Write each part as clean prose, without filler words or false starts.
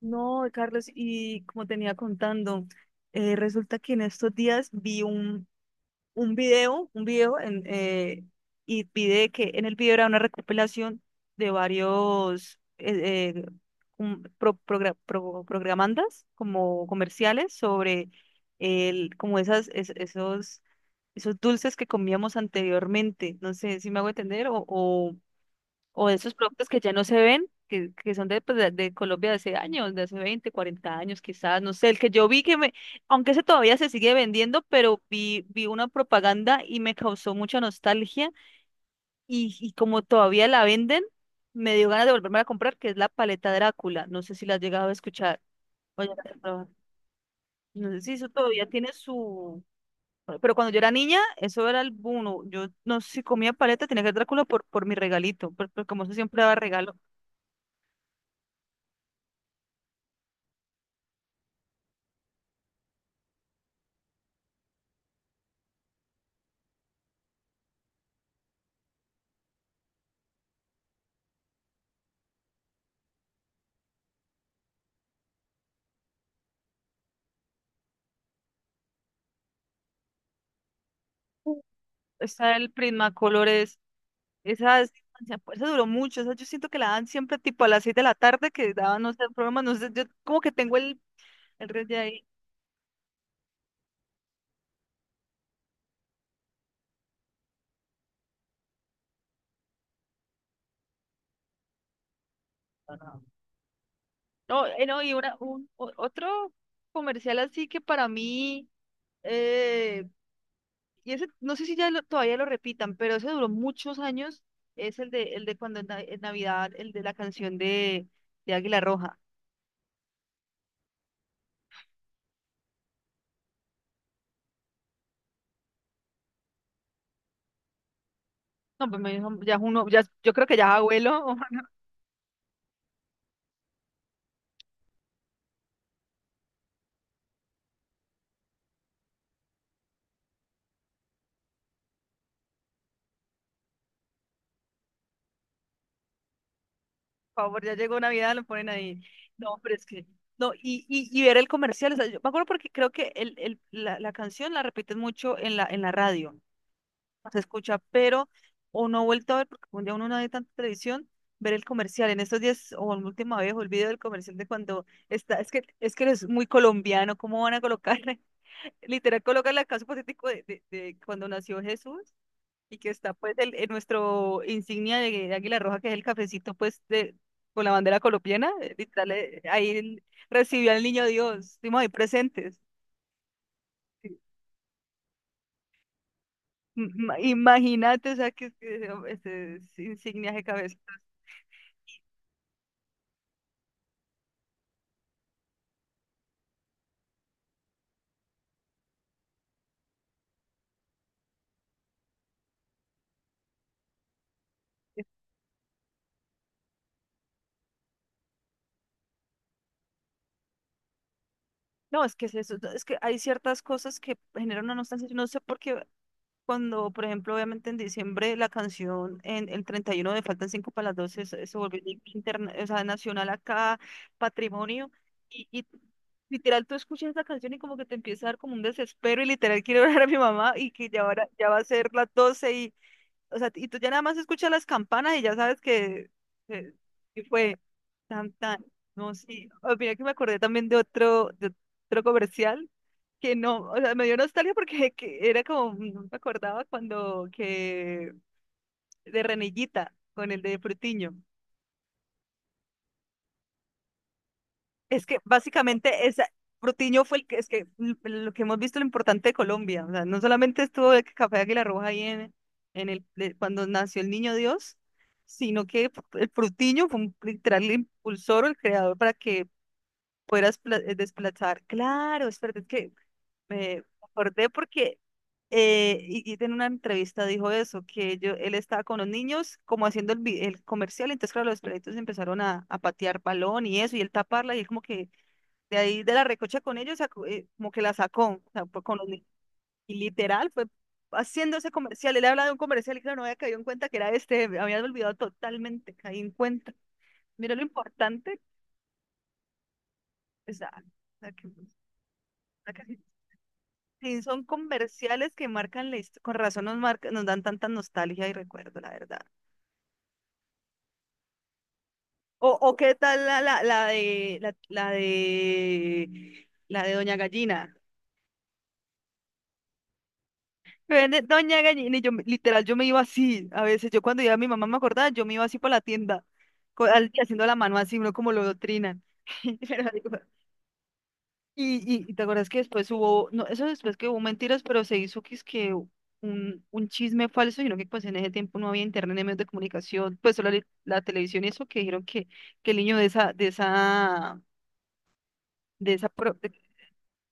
No, Carlos, y como tenía contando, resulta que en estos días vi un video y vi de que en el video era una recopilación de varios programandas como comerciales sobre como esos, esos dulces que comíamos anteriormente. No sé si me hago entender o de esos productos que ya no se ven, que son de, de Colombia de hace años, de hace 20 40 años quizás, no sé, el que yo vi que me, aunque ese todavía se sigue vendiendo, pero vi una propaganda y me causó mucha nostalgia y como todavía la venden, me dio ganas de volverme a comprar, que es la paleta Drácula, no sé si la has llegado a escuchar. O no sé si eso todavía tiene su... Pero cuando yo era niña, eso era el boom. Yo no sé si comía paleta, tenía que ser Drácula por mi regalito, como eso siempre daba regalo. Está el Prismacolor, esa, es- esa duró mucho, esa yo siento que la dan siempre tipo a las 6 de la tarde, que daban, no sé, programas, no sé, yo como que tengo el red de ahí. No, no. No, no, otro comercial así que para mí, eh, y ese, no sé si ya todavía lo repitan, pero ese duró muchos años, es el de cuando en Navidad, el de la canción de Águila Roja. No, pues me dijo, ya es uno, yo creo que ya es abuelo. Por favor, ya llegó Navidad, lo ponen ahí. No, pero es que, no, y ver el comercial, o sea, yo me acuerdo porque creo que la canción la repiten mucho en en la radio, se escucha, pero, o no he vuelto a ver, porque un día uno no ve tanta televisión, ver el comercial, en estos días, o la última vez, o el video del comercial de cuando está, es que, es que es muy colombiano. ¿Cómo van a colocar, literal, colocar la caso hipotético de cuando nació Jesús? Y que está pues nuestro insignia de Águila Roja, que es el cafecito pues de, con la bandera colombiana, literal, ahí el- recibió al niño Dios, estuvimos ahí presentes. Sí. Imagínate, o sea, oh, este, es insignias de cabeza. No, es que es eso, es que hay ciertas cosas que generan una nostalgia, yo no sé por qué. Cuando, por ejemplo, obviamente en diciembre la canción en el 31 de Faltan cinco para las doce se volvió o sea, nacional acá, patrimonio, y literal tú escuchas esa canción y como que te empieza a dar como un desespero y literal quiero ver a mi mamá y que ya, ahora, ya va a ser las 12 y, o sea, y tú ya nada más escuchas las campanas y ya sabes que, que fue tan tan. No, sí. Oh, mira que me acordé también de otro comercial que no, o sea, me dio nostalgia porque que era como, no me acordaba cuando que de Renillita con el de Frutiño. Es que básicamente esa, Protiño fue el que, es que lo que hemos visto lo importante de Colombia, o sea, no solamente estuvo el Café Águila Roja ahí en cuando nació el Niño Dios, sino que el Protiño fue un, literal el impulsor o el creador para que puedas desplazar. Claro, espérate, es verdad que me acordé porque y en una entrevista dijo eso, que yo, él estaba con los niños como haciendo el comercial, entonces claro, los perritos empezaron a patear balón y eso, y él taparla, y él como que de ahí de la recocha con ellos, sacó, como que la sacó, o sea, fue con los y literal fue haciendo ese comercial, él habla de un comercial y claro, no había caído en cuenta que era este, me había olvidado totalmente, caí en cuenta. Mira lo importante, o sea, que sí son comerciales que marcan la con razón nos marcan, nos dan tanta nostalgia y recuerdo, la verdad. O qué tal la de Doña Gallina. Viene Doña Gallina, y yo literal, yo me iba así. A veces yo cuando iba a mi mamá me acordaba, yo me iba así por la tienda, haciendo la mano así, uno como lo doctrinan. Pero digo, y te acuerdas que después hubo, no, eso después que hubo mentiras, pero se hizo que es que un chisme falso, sino que pues en ese tiempo no había internet ni medios de comunicación, pues solo la televisión y eso, que dijeron que el niño de esa,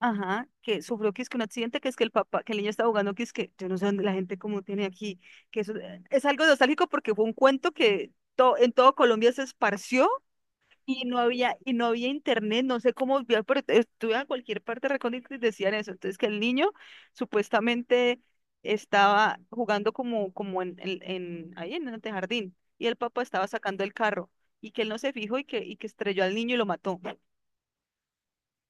ajá, que sufrió que es que un accidente, que es que el papá, que el niño estaba jugando, que es que yo no sé dónde la gente como tiene aquí, que eso es algo nostálgico porque fue un cuento que en todo Colombia se esparció y no había internet, no sé cómo, vio, pero estuve en cualquier parte recóndita y decían eso, entonces que el niño supuestamente estaba jugando como, como ahí en el jardín y el papá estaba sacando el carro y que él no se fijó y que estrelló al niño y lo mató.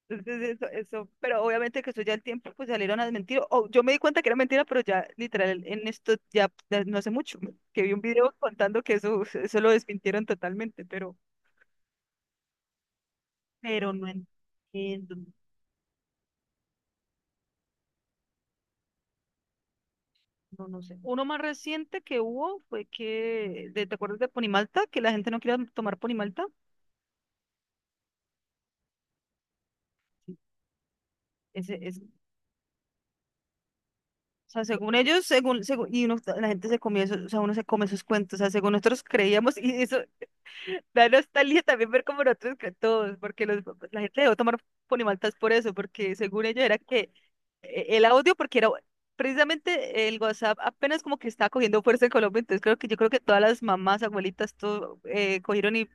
Entonces, eso, pero obviamente que eso ya el tiempo, pues salieron a desmentir. O yo me di cuenta que era mentira, pero ya literal en esto ya no hace mucho que vi un video contando que eso lo desmintieron totalmente, pero no entiendo, no, no sé. Uno más reciente que hubo fue ¿te acuerdas de Ponimalta? Que la gente no quería tomar Ponimalta. Sí. Ese, es, o sea, según ellos, y uno, la gente se comía eso, o sea, uno se come esos cuentos, o sea, según nosotros creíamos, y eso, da nostalgia también ver como nosotros que todos, porque la gente dejó tomar Fonimaltas por eso, porque según ellos era que el audio, porque era precisamente el WhatsApp apenas como que estaba cogiendo fuerza en Colombia, entonces creo que yo creo que todas las mamás, abuelitas, todo cogieron y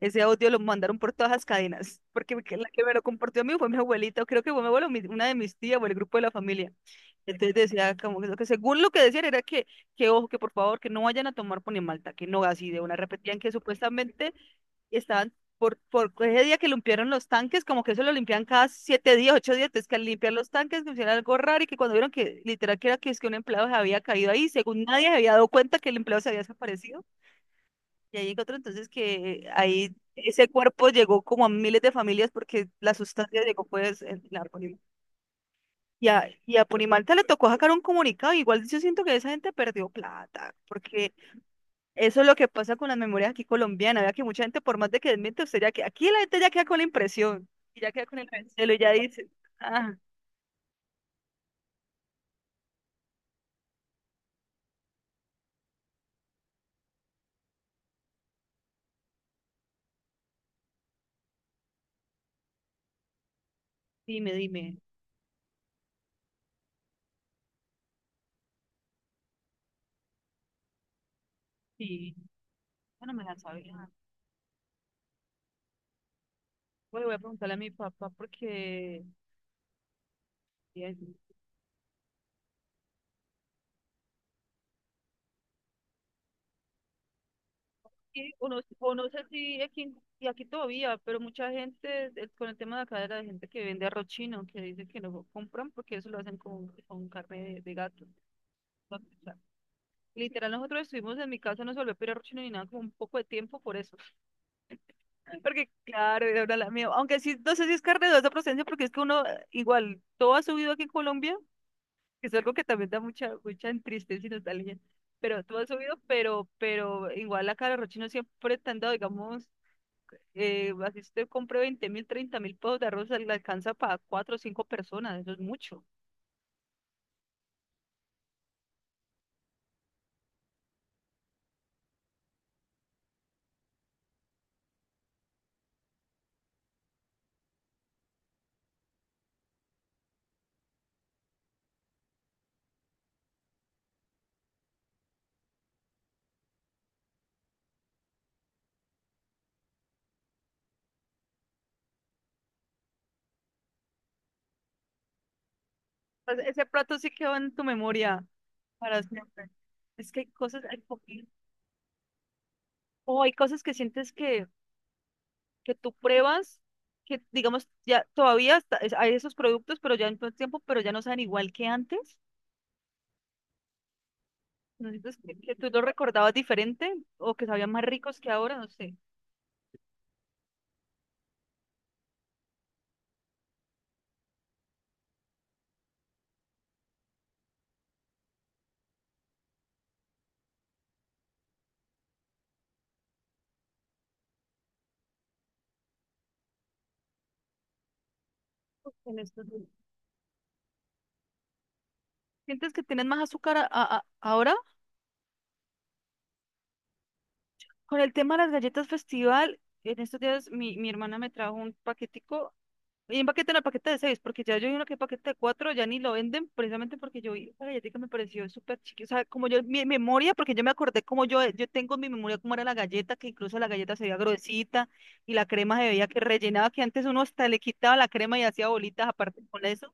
ese audio lo mandaron por todas las cadenas, porque la que me lo compartió a mí fue mi abuelita, o creo que fue mi abuelo, una de mis tías o el grupo de la familia. Entonces decía como que según lo que decían era que ojo, que por favor, que no vayan a tomar Ponimalta, que no, así de una repetían que supuestamente y estaban por ese día que limpiaron los tanques, como que eso lo limpian cada siete días, ocho días, entonces que al limpiar los tanques que hicieron algo raro y que cuando vieron que literal que era que es que un empleado se había caído ahí, según nadie se había dado cuenta que el empleado se había desaparecido, y ahí llegó otro, entonces que ahí ese cuerpo llegó como a miles de familias porque la sustancia llegó pues en la Apurímac. Y a Ponimalta le tocó sacar un comunicado, igual yo siento que esa gente perdió plata, porque eso es lo que pasa con las memorias aquí colombianas. Vea que mucha gente, por más de que desmiente, usted ya que aquí la gente ya queda con la impresión y ya queda con el cancelo y ya dice, ah, dime, dime. Sí, yo no me la sabía. Voy, voy a preguntarle a mi papá porque, eh, sí, o no sé si aquí, y aquí todavía, pero mucha gente con el tema de acá de la gente que vende arroz chino, que dice que no compran porque eso lo hacen con carne de gato. O sea, literal, nosotros estuvimos en mi casa, no se volvió a pedir arroz chino ni nada, como un poco de tiempo por eso. Porque claro, era una la mía. Aunque sí, no sé si es carne de dudosa procedencia, porque es que uno igual todo ha subido aquí en Colombia, que es algo que también da mucha, mucha tristeza y nostalgia. Pero todo ha subido, pero igual la cara de rochino siempre te han dado, digamos, así usted compre 20.000, 30.000 pesos de arroz, le alcanza para cuatro o cinco personas, eso es mucho. Pues, ese plato sí quedó en tu memoria para siempre. Es que hay cosas, hay cosas que sientes que tú pruebas, que digamos, hay esos productos, pero ya en todo el tiempo, pero ya no saben igual que antes. ¿No sientes que tú los recordabas diferente o que sabían más ricos que ahora? No sé. En estos días. ¿Sientes que tienes más azúcar ahora? Con el tema de las galletas festival, en estos días mi hermana me trajo un paquetico. Y empaqueten el paquete de seis, porque ya yo vi uno que es paquete de cuatro, ya ni lo venden, precisamente porque yo vi la galletica me pareció súper chiquita. O sea, como yo, mi memoria, porque yo me acordé como yo, yo tengo en mi memoria cómo era la galleta, que incluso la galleta se veía gruesita y la crema se veía que rellenaba, que antes uno hasta le quitaba la crema y hacía bolitas aparte con eso.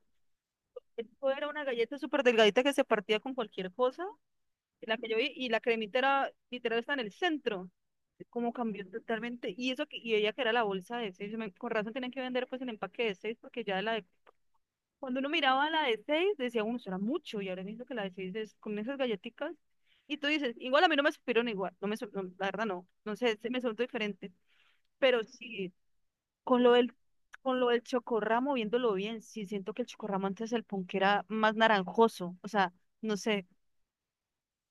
Esto era una galleta súper delgadita que se partía con cualquier cosa, la que yo vi, y la cremita era, literal, está en el centro. Cómo cambió totalmente. Y eso que, y ella que era la bolsa de seis, con razón tenían que vender pues el empaque de seis, porque ya la de cuando uno miraba la de 6 decía, uno, será mucho, y ahora visto que la de 6 es con esas galletitas, y tú dices, igual a mí no me supieron igual, no, la verdad no, no sé, se me soltó diferente, pero sí, con lo del, con lo del chocorramo, viéndolo bien, sí siento que el chocorramo antes el punk era más naranjoso, o sea, no sé,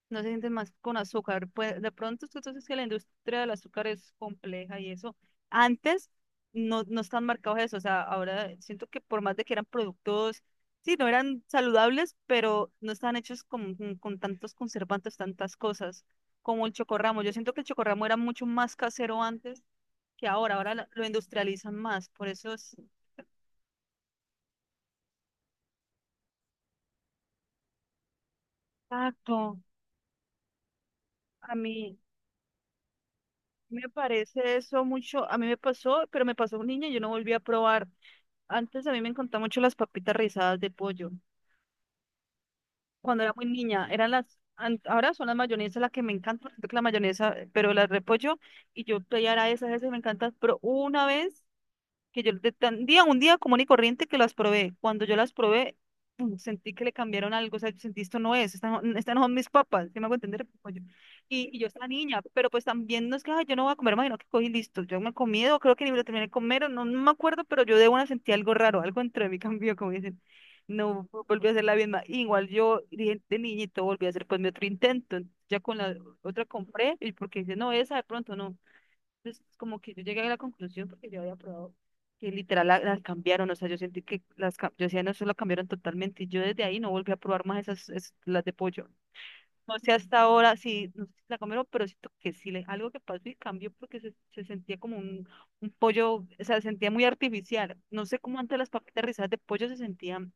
no se sienten más con azúcar. Pues de pronto es que entonces que la industria del azúcar es compleja y eso. Antes no están marcados eso, o sea, ahora siento que por más de que eran productos, sí, no eran saludables, pero no estaban hechos con, con tantos conservantes, tantas cosas como el chocorramo. Yo siento que el chocorramo era mucho más casero antes que ahora, ahora lo industrializan más, por eso es... Exacto, a mí me parece eso mucho, a mí me pasó, pero me pasó un niño, y yo no volví a probar. Antes a mí me encantaban mucho las papitas rizadas de pollo. Cuando era muy niña, ahora son las mayonesas las que me encantan, porque la mayonesa, pero las repollo, y yo pedía era esas, esas me encantan, pero una vez que yo de tan día, un día común y corriente que las probé. Cuando yo las probé, pum, sentí que le cambiaron algo, o sea, yo sentí esto no es, estas no son mis papas, ¿sí me hago entender? Pues yo... Y, y yo estaba niña, pero pues también no es que "Ay, yo no voy a comer más", sino que cogí y listo, yo me he comido, creo que ni me lo terminé de comer, o no, no me acuerdo, pero yo de una sentí algo raro, algo dentro de mí cambió, como dicen. No vu- Volví a hacer la misma. Igual yo dije de niñito, volví a hacer pues mi otro intento. Ya con la otra compré, y porque dije, no, esa de pronto no. Entonces, como que yo llegué a la conclusión porque yo había probado que literal las cambiaron, o sea, yo sentí que las, cam yo decía, no, eso lo cambiaron totalmente y yo desde ahí no volví a probar más esas, las de pollo. No sé hasta ahora, sí, no sé si la comieron pero siento que sí, le, algo que pasó y cambió porque se sentía como un pollo, o sea, se sentía muy artificial. No sé cómo antes las papitas rizadas de pollo se sentían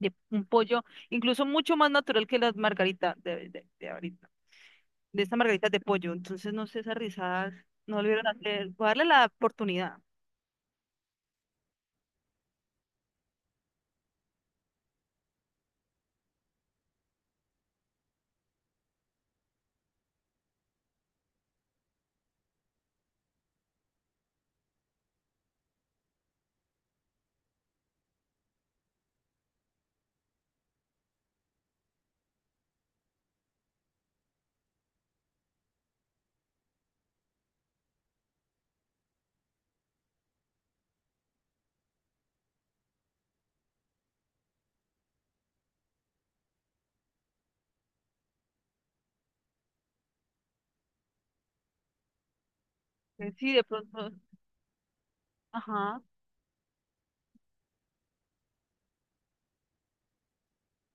de un pollo, incluso mucho más natural que las margaritas de ahorita de estas margaritas de pollo. Entonces, no sé, esas rizadas no volvieron a hacer. Voy a darle la oportunidad. Sí, de pronto. Ajá.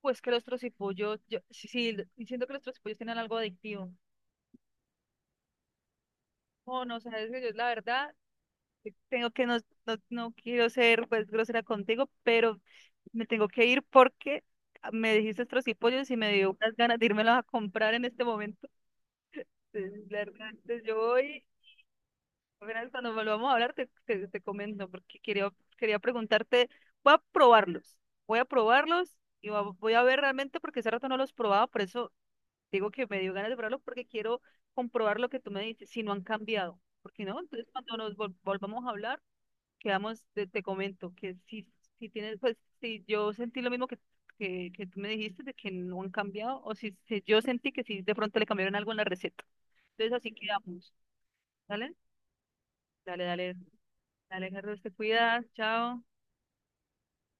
Pues que los trocipollos, yo, sí, sí, y siento que los trocipollos tienen algo adictivo. Oh, no, sabes que yo la verdad tengo que no, no, no quiero ser pues grosera contigo, pero me tengo que ir porque me dijiste trocipollos y me dio unas ganas de irmelos a comprar en este momento. Entonces, la verdad, entonces yo voy. Verás, cuando volvamos a hablar te comento porque quería, quería preguntarte, voy a probarlos, voy a probarlos y voy a ver realmente porque hace rato no los probaba, por eso digo que me dio ganas de probarlos porque quiero comprobar lo que tú me dices, si no han cambiado, porque no, entonces cuando nos volvamos a hablar, quedamos, te comento que si, si tienes, pues si yo sentí lo mismo que, que tú me dijiste de que no han cambiado o si, si yo sentí que sí de pronto le cambiaron algo en la receta, entonces así quedamos, ¿vale? Dale, dale dale Alejandro, te cuidas, chao.